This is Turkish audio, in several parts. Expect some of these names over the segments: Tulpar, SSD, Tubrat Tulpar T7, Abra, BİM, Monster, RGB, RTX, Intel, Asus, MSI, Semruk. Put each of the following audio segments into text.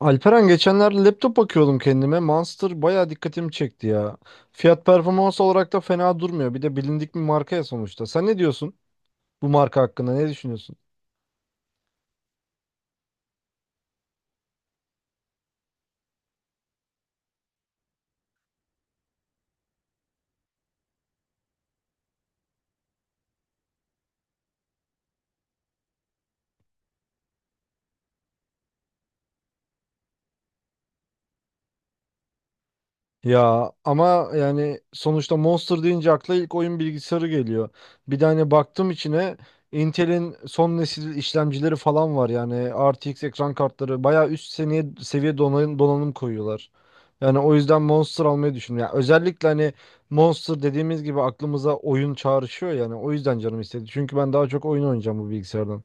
Alperen geçenlerde laptop bakıyordum kendime. Monster bayağı dikkatimi çekti ya. Fiyat performans olarak da fena durmuyor. Bir de bilindik bir marka ya sonuçta. Sen ne diyorsun bu marka hakkında? Ne düşünüyorsun? Ya ama yani sonuçta Monster deyince akla ilk oyun bilgisayarı geliyor. Bir de hani baktım içine Intel'in son nesil işlemcileri falan var, yani RTX ekran kartları bayağı üst seviye donanım koyuyorlar. Yani o yüzden Monster almayı düşünüyorum. Yani özellikle hani Monster dediğimiz gibi aklımıza oyun çağrışıyor, yani o yüzden canım istedi. Çünkü ben daha çok oyun oynayacağım bu bilgisayardan.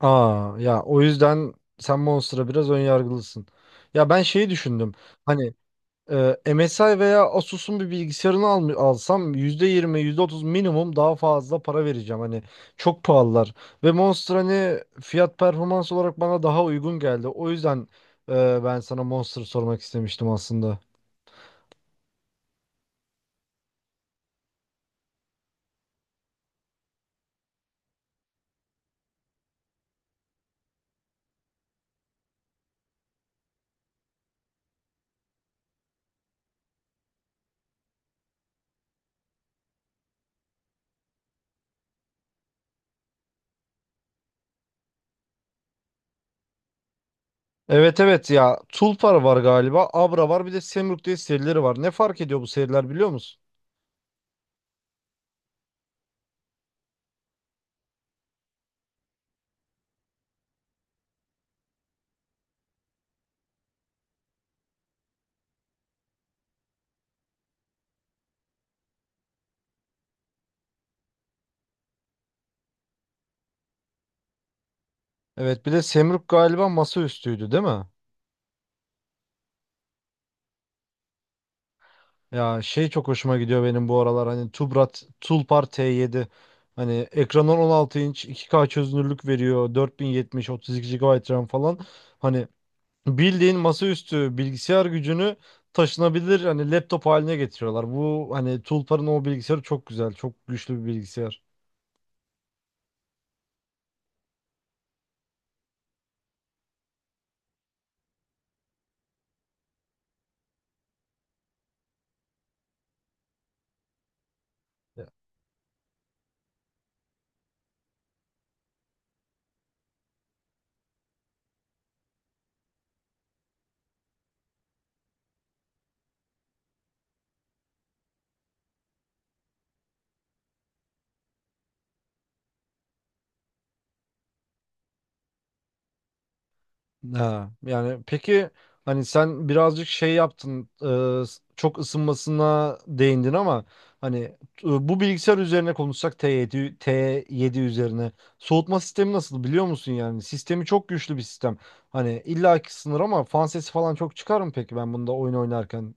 Aa ya, o yüzden sen Monster'a biraz ön yargılısın. Ya ben şeyi düşündüm. Hani MSI veya Asus'un bir bilgisayarını alsam %20 %30 minimum daha fazla para vereceğim. Hani çok pahalılar. Ve Monster hani fiyat performans olarak bana daha uygun geldi. O yüzden ben sana Monster sormak istemiştim aslında. Evet evet ya, Tulpar var galiba, Abra var, bir de Semruk diye serileri var. Ne fark ediyor bu seriler, biliyor musun? Evet, bir de Semruk galiba masaüstüydü değil mi? Ya şey, çok hoşuma gidiyor benim bu aralar hani Tubrat Tulpar T7. Hani ekranı 16 inç, 2K çözünürlük veriyor, 4070, 32 GB RAM falan, hani bildiğin masaüstü bilgisayar gücünü taşınabilir hani laptop haline getiriyorlar. Bu hani Tulpar'ın o bilgisayarı çok güzel, çok güçlü bir bilgisayar. Ha, yani peki, hani sen birazcık şey yaptın, çok ısınmasına değindin ama hani bu bilgisayar üzerine konuşsak, T7, üzerine soğutma sistemi nasıl biliyor musun? Yani sistemi çok güçlü bir sistem, hani illaki sınır, ama fan sesi falan çok çıkar mı peki ben bunda oyun oynarken?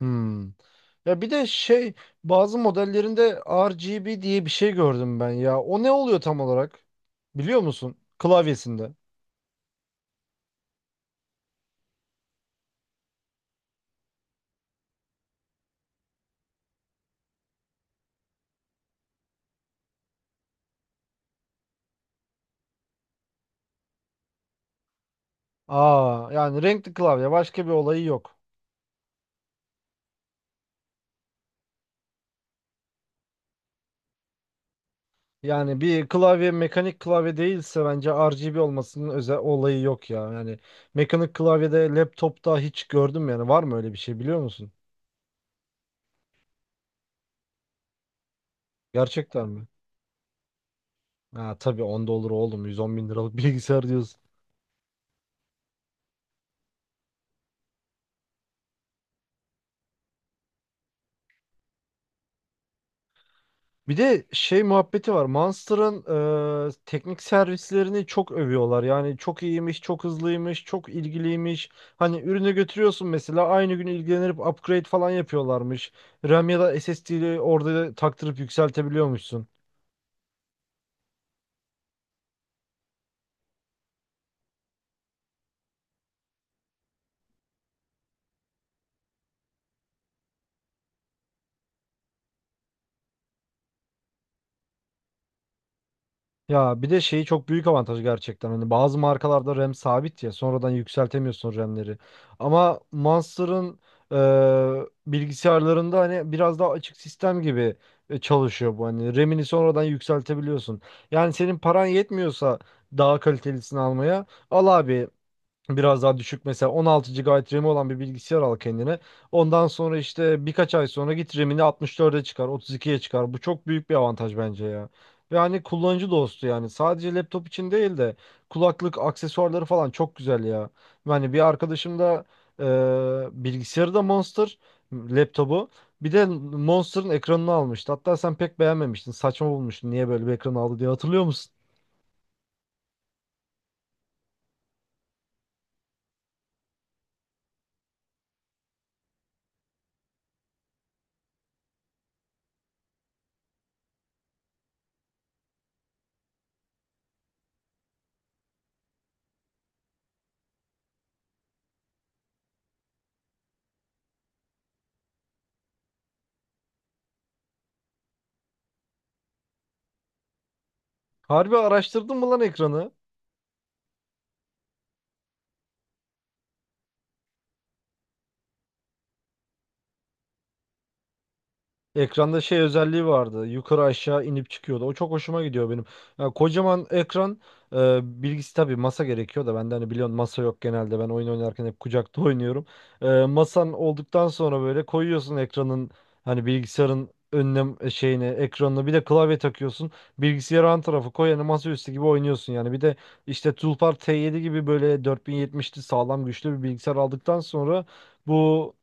Hmm. Ya bir de şey, bazı modellerinde RGB diye bir şey gördüm ben ya, o ne oluyor tam olarak biliyor musun, klavyesinde? Aa, yani renkli klavye, başka bir olayı yok. Yani bir klavye mekanik klavye değilse bence RGB olmasının özel olayı yok ya. Yani mekanik klavyede laptopta hiç gördüm yani, var mı öyle bir şey biliyor musun? Gerçekten mi? Ha tabii, onda olur oğlum, 110 bin liralık bilgisayar diyorsun. Bir de şey muhabbeti var. Monster'ın teknik servislerini çok övüyorlar. Yani çok iyiymiş, çok hızlıymış, çok ilgiliymiş. Hani ürünü götürüyorsun mesela, aynı gün ilgilenip upgrade falan yapıyorlarmış. RAM ya da SSD'yi orada taktırıp yükseltebiliyormuşsun. Ya bir de şeyi çok büyük avantajı gerçekten. Hani bazı markalarda RAM sabit ya. Sonradan yükseltemiyorsun RAM'leri. Ama Monster'ın e, bilgisayarlarında hani biraz daha açık sistem gibi çalışıyor bu. Hani RAM'ini sonradan yükseltebiliyorsun. Yani senin paran yetmiyorsa daha kalitelisini almaya, al abi, biraz daha düşük mesela 16 GB RAM'i olan bir bilgisayar al kendine. Ondan sonra işte birkaç ay sonra git RAM'ini 64'e çıkar, 32'ye çıkar. Bu çok büyük bir avantaj bence ya. Ve hani kullanıcı dostu yani. Sadece laptop için değil de, kulaklık aksesuarları falan çok güzel ya. Yani bir arkadaşım da bilgisayarı da Monster laptopu. Bir de Monster'ın ekranını almıştı. Hatta sen pek beğenmemiştin, saçma bulmuştun. Niye böyle bir ekran aldı diye hatırlıyor musun? Harbi araştırdın mı lan ekranı? Ekranda şey özelliği vardı, yukarı aşağı inip çıkıyordu. O çok hoşuma gidiyor benim. Ya kocaman ekran, bilgisi tabii masa gerekiyor da, bende hani biliyorsun masa yok genelde. Ben oyun oynarken hep kucakta oynuyorum. Masan olduktan sonra böyle koyuyorsun ekranın, hani bilgisayarın önüne, şeyine, ekranına, bir de klavye takıyorsun. Bilgisayarı an tarafı koy, yani masaüstü gibi oynuyorsun yani. Bir de işte Tulpar T7 gibi böyle 4070'li sağlam güçlü bir bilgisayar aldıktan sonra bu,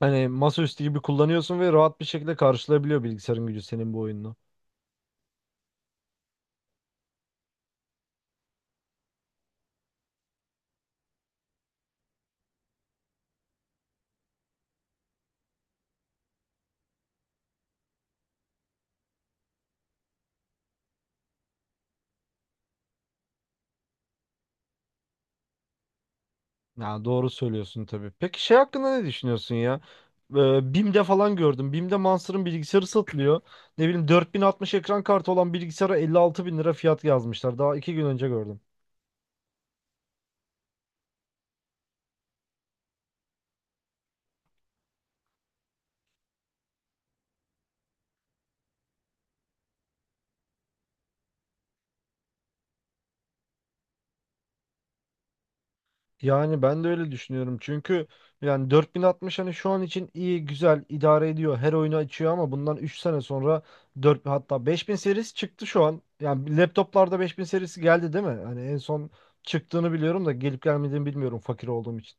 hani masaüstü gibi kullanıyorsun ve rahat bir şekilde karşılayabiliyor bilgisayarın gücü senin bu oyununu. Ya doğru söylüyorsun tabii. Peki şey hakkında ne düşünüyorsun ya? BİM'de falan gördüm. BİM'de Monster'ın bilgisayarı satılıyor. Ne bileyim, 4060 ekran kartı olan bilgisayara 56 bin lira fiyat yazmışlar. Daha iki gün önce gördüm. Yani ben de öyle düşünüyorum. Çünkü yani 4060 hani şu an için iyi, güzel, idare ediyor. Her oyunu açıyor ama bundan 3 sene sonra 4, hatta 5000 serisi çıktı şu an. Yani laptoplarda 5000 serisi geldi değil mi? Hani en son çıktığını biliyorum da gelip gelmediğini bilmiyorum fakir olduğum için.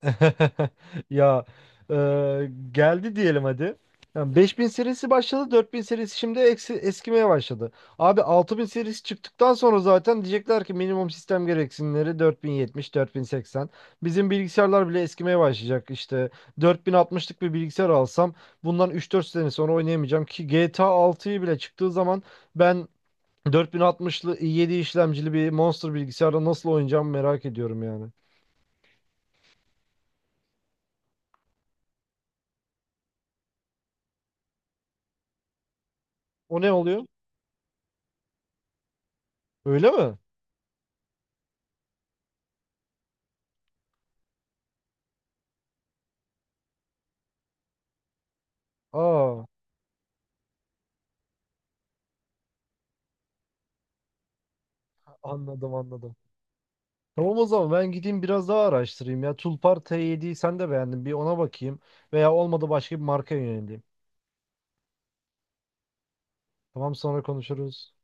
Ya e, geldi diyelim hadi. Yani 5000 serisi başladı, 4000 serisi şimdi eskimeye başladı. Abi 6000 serisi çıktıktan sonra zaten diyecekler ki minimum sistem gereksinimleri 4070, 4080. Bizim bilgisayarlar bile eskimeye başlayacak işte. 4060'lık bir bilgisayar alsam bundan üç dört sene sonra oynayamayacağım ki, GTA 6'yı bile çıktığı zaman ben 4060'lı i7 işlemcili bir Monster bilgisayarda nasıl oynayacağımı merak ediyorum yani. O ne oluyor? Öyle mi? Aa, anladım anladım. Tamam, o zaman ben gideyim biraz daha araştırayım ya. Tulpar T7'yi sen de beğendin. Bir ona bakayım. Veya olmadı başka bir marka yöneleyim. Tamam, sonra konuşuruz.